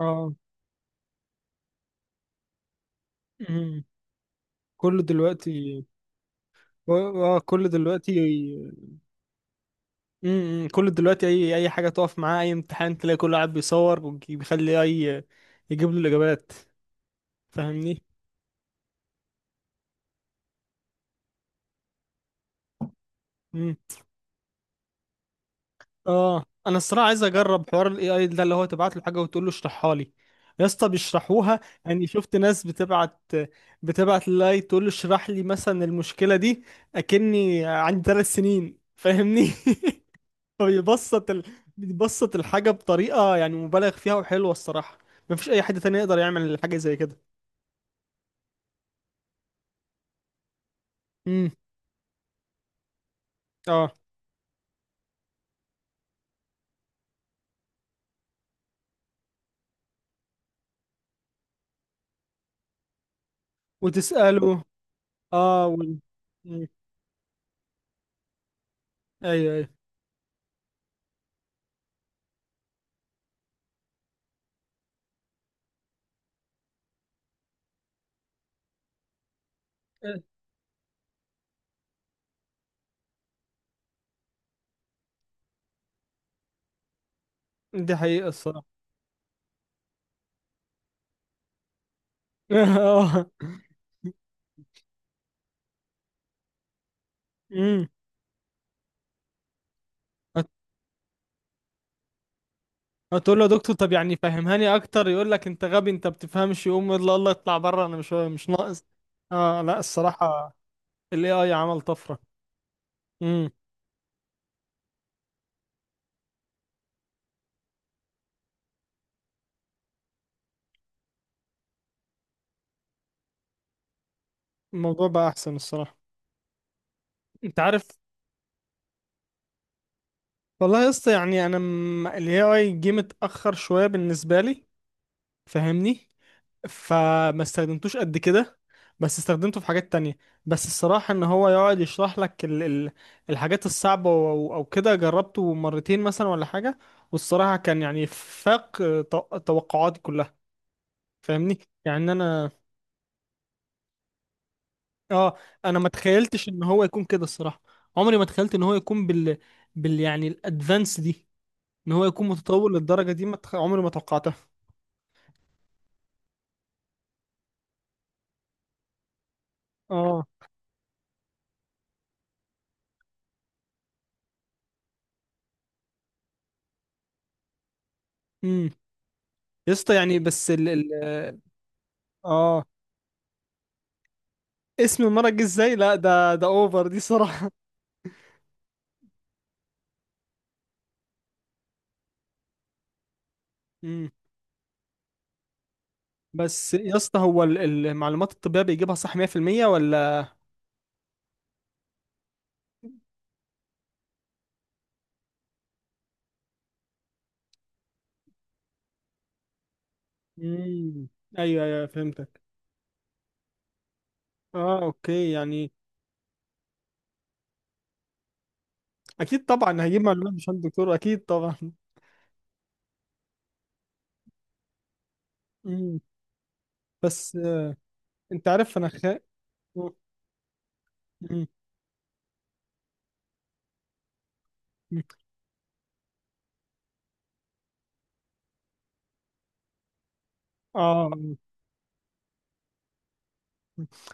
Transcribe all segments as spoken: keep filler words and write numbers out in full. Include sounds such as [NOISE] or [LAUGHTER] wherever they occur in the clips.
اه امم كله دلوقتي. اه كله دلوقتي. امم كله دلوقتي، اي اي حاجه تقف معاه، اي امتحان تلاقي كله قاعد بيصور وبيخلي اي يجيب له الاجابات. فاهمني؟ امم اه انا الصراحه عايز اجرب حوار الاي اي ده، اللي هو تبعت له حاجه وتقول له اشرحها لي. يا اسطى بيشرحوها. يعني شفت ناس بتبعت، بتبعت للاي تقول له اشرح لي مثلا المشكله دي، اكني عندي ثلاث سنين. فاهمني؟ [LAUGHS] فبيبسط ال... بيبسط الحاجة بطريقة يعني مبالغ فيها وحلوة الصراحة. مفيش أي حد تاني يقدر يعمل حاجة زي كده. امم اه وتسأله. اه وال... مم. ايوه، ايوه، آه، دي حقيقة الصراحة. [LAUGHS] اه امم هت- هتقول له: يا دكتور طب يعني فهمهاني اكتر. يقول لك: انت غبي، انت بتفهمش. يقوم يلا الله اطلع بره، انا مش مش ناقص. اه لا، الصراحة الاي اي عمل طفرة. امم الموضوع بقى احسن الصراحة. انت عارف، والله يا اسطى يعني انا م... الاي اي جه متاخر شويه بالنسبه لي. فاهمني؟ فما استخدمتوش قد كده، بس استخدمته في حاجات تانية. بس الصراحه ان هو يقعد يشرح لك ال... ال... الحاجات الصعبه، او او أو كده جربته مرتين مثلا ولا حاجه، والصراحه كان يعني فاق تو- توقعاتي كلها. فاهمني؟ يعني انا اه انا ما تخيلتش ان هو يكون كده الصراحه. عمري ما تخيلت ان هو يكون بال بال يعني الادفانس دي، ان هو يكون متطور للدرجه دي، ما تخ... عمري ما توقعتها. اه امم يا اسطى يعني بس ال ال اه اسم مرج ازاي؟ لا، ده ده اوفر دي صراحة. [LAUGHS] امم بس يا اسطى، هو ال- المعلومات الطبية بيجيبها صح مية في المية ولا؟ امم ايوه، ايوه، فهمتك. اه، اوكي يعني. اكيد طبعا هجيب معلومات مش عند الدكتور، اكيد طبعا. [LAUGHS] امم بس آه، انت عارف، انا خا مم. مم. اه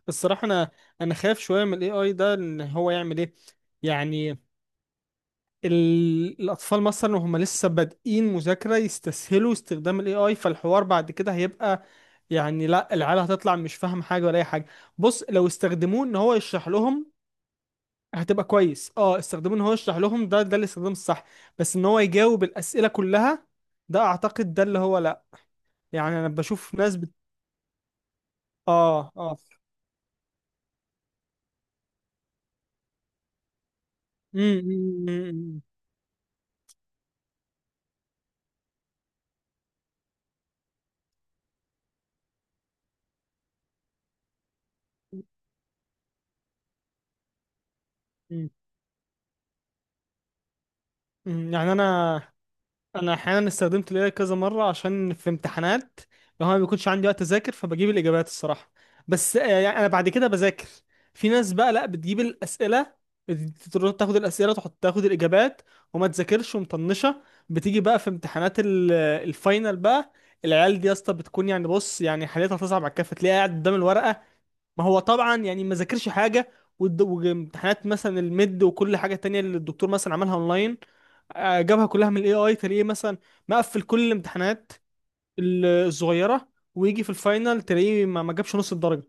الصراحة، انا انا خايف شوية من الاي اي ده، ان هو يعمل ايه. يعني ال- الاطفال مثلا وهم لسه بادئين مذاكره يستسهلوا استخدام الاي اي، فالحوار بعد كده هيبقى يعني لا، العيال هتطلع مش فاهم حاجه ولا اي حاجه. بص، لو استخدموه ان هو يشرح لهم هتبقى كويس. اه، استخدموه ان هو يشرح لهم، ده ده الاستخدام الصح. بس ان هو يجاوب الاسئله كلها، ده اعتقد ده اللي هو لا. يعني انا بشوف ناس بت... اه، اه. امم أمم، أمم، أمم، أمم. يعني انا انا احيانا استخدمت الاي كذا مره عشان في امتحانات، لو انا ما بيكونش عندي وقت اذاكر فبجيب الاجابات الصراحه. بس آه، يعني انا بعد كده بذاكر. في ناس بقى لا بتجيب الاسئله، بت- تروح تاخد الاسئله، تحط تاخد الاجابات وما تذاكرش ومطنشه. بتيجي بقى في امتحانات ال- الفاينل بقى، العيال دي يا اسطى بتكون يعني، بص يعني حالتها تصعب على الكافه، تلاقيها قاعد قدام الورقه. ما هو طبعا يعني ما ذاكرش حاجه، والد- وامتحانات مثلا الميد وكل حاجه تانية اللي الدكتور مثلا عملها اونلاين، آه، جابها كلها من الاي اي، تلاقيه مثلا مقفل كل الامتحانات ال- الصغيره، ويجي في الفاينل تلاقيه ما ما جابش نص الدرجه.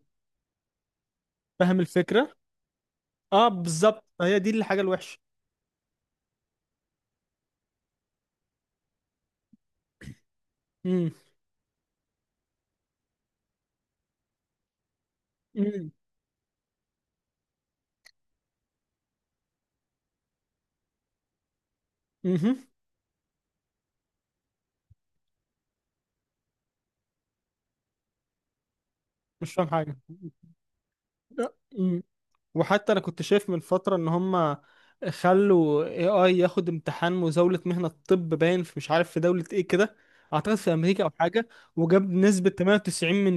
فاهم الفكره؟ اه بالظبط، هي دي الحاجه الوحشه. امم امم مهم. مش فاهم حاجه. وحتى انا كنت شايف من فترة ان هم خلوا اي اي ياخد امتحان مزاولة مهنة الطب، باين في مش عارف في دولة ايه كده، اعتقد في امريكا او حاجة، وجاب نسبة تمانية وتسعين من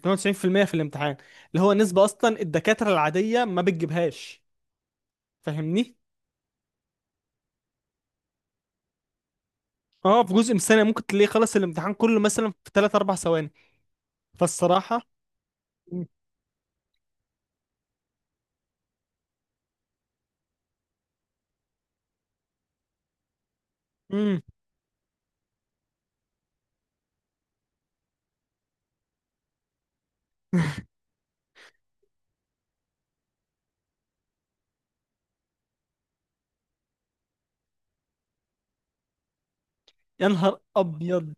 تمانية وتسعين في المية في المية في الامتحان، اللي هو نسبة اصلا الدكاترة العادية ما بتجيبهاش. فاهمني؟ اه، في جزء من الثانية ممكن تلاقيه خلص الامتحان كله مثلا في ثلاثة اربعة ثواني. فالصراحة. امم [LAUGHS] يا نهار ابيض.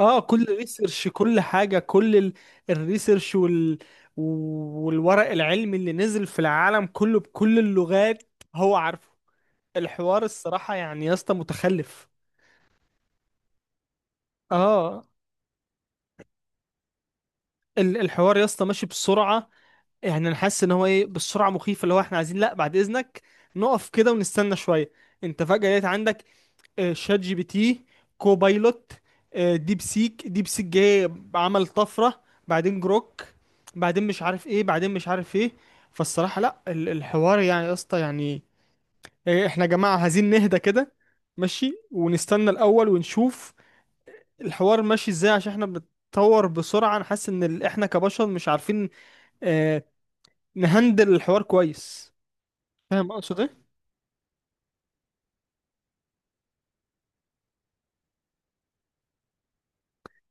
اه، كل ريسيرش، كل حاجة، كل ال- الريسيرش وال... والورق العلمي اللي نزل في العالم كله بكل اللغات هو عارفه. الحوار الصراحة يعني يا اسطى متخلف. اه، ال- الحوار يا اسطى ماشي بسرعة. يعني انا حاسس ان هو ايه بالسرعة مخيفة، اللي هو احنا عايزين لا بعد اذنك نقف كده ونستنى شوية. انت فجأة لقيت عندك آه، شات جي بي تي، كوبايلوت، آه، ديب سيك ديب سيك جه عمل طفرة، بعدين جروك، بعدين مش عارف ايه، بعدين مش عارف ايه. فالصراحة لا، ال- الحوار يعني يا اسطى يعني، آه، احنا يا جماعة عايزين نهدى كده، ماشي، ونستنى الأول ونشوف الحوار ماشي ازاي، عشان احنا بنتطور بسرعة. انا حاسس ان ال- احنا كبشر مش عارفين آه، نهندل الحوار كويس. فاهم اقصد ايه؟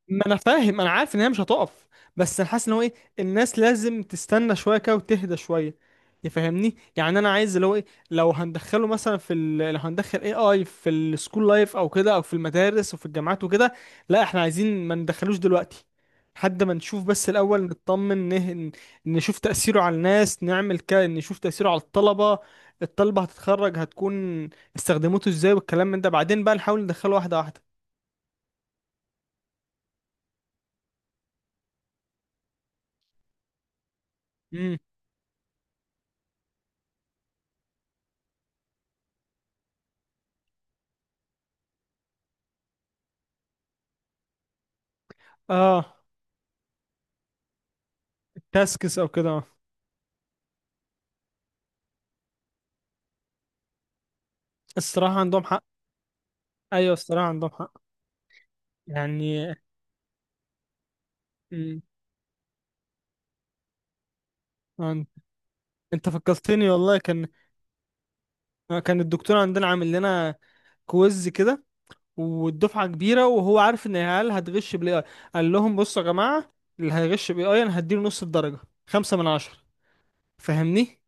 ما انا فاهم، انا عارف ان هي مش هتقف، بس انا حاسس ان هو ايه، الناس لازم تستنى شويه كده وتهدى شويه. يفهمني يعني، انا عايز اللي هو ايه، لو هندخله مثلا في ال... لو هندخل اي اي في السكول لايف او كده، او في المدارس وفي الجامعات وكده، لا احنا عايزين ما ندخلوش دلوقتي، لحد ما نشوف بس الاول، نطمن نه... نشوف تاثيره على الناس، نعمل كده نشوف تاثيره على الطلبه. الطلبه هتتخرج هتكون استخدمته ازاي، والكلام من ده بعدين بقى نحاول ندخله واحده واحده. امم اه تاسكس او كده. الصراحه عندهم حق، ايوه الصراحه عندهم حق، يعني. مم. عن- انت فكرتني والله، كان كان الدكتور عندنا عامل لنا كويز كده، والدفعه كبيره وهو عارف ان العيال هتغش بالاي اي. قال لهم: بصوا يا جماعه، اللي هيغش بالاي اي انا هديله نص الدرجه، خمسة من عشرة. فاهمني؟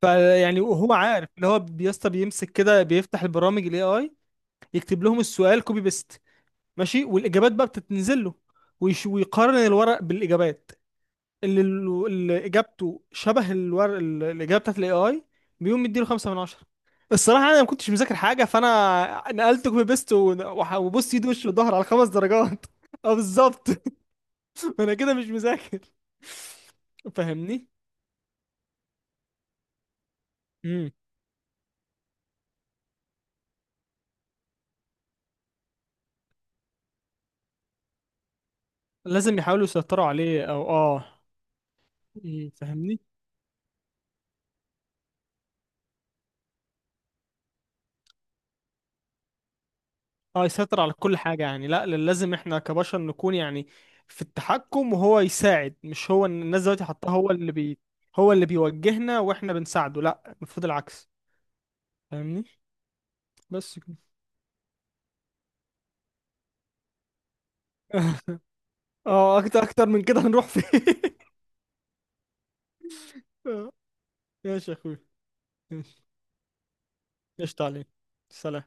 فيعني وهو عارف اللي هو بيسطا، بيمسك كده بيفتح البرامج الاي اي، يكتب لهم السؤال كوبي بيست ماشي، والاجابات بقى بتتنزل له، ويش- ويقارن الورق بالاجابات. اللي, اللي اجابته شبه الور... ال- الاجابه بتاعت الاي اي بيقوم مديله خمسة من عشرة. الصراحه انا ما كنتش مذاكر حاجه، فانا نقلت كوبي بيست ون- وح- وبص ايد وش وظهر على خمس درجات. [LAUGHS] اه بالظبط. [LAUGHS] انا كده مش مذاكر. فاهمني؟ امم لازم يحاولوا يسيطروا عليه، او اه. مم، فاهمني؟ اه، يسيطر على كل حاجة يعني، لا لازم احنا كبشر نكون يعني في التحكم وهو يساعد، مش هو. إن الناس دلوقتي حطاه هو اللي بي هو اللي بيوجهنا واحنا بنساعده، لا المفروض العكس. فاهمني؟ بس كده. [LAUGHS] اه، اكتر اكتر من كده هنروح فين؟ [LAUGHS] ماشي يا اخوي. ماشي. قشطة عليك. سلام.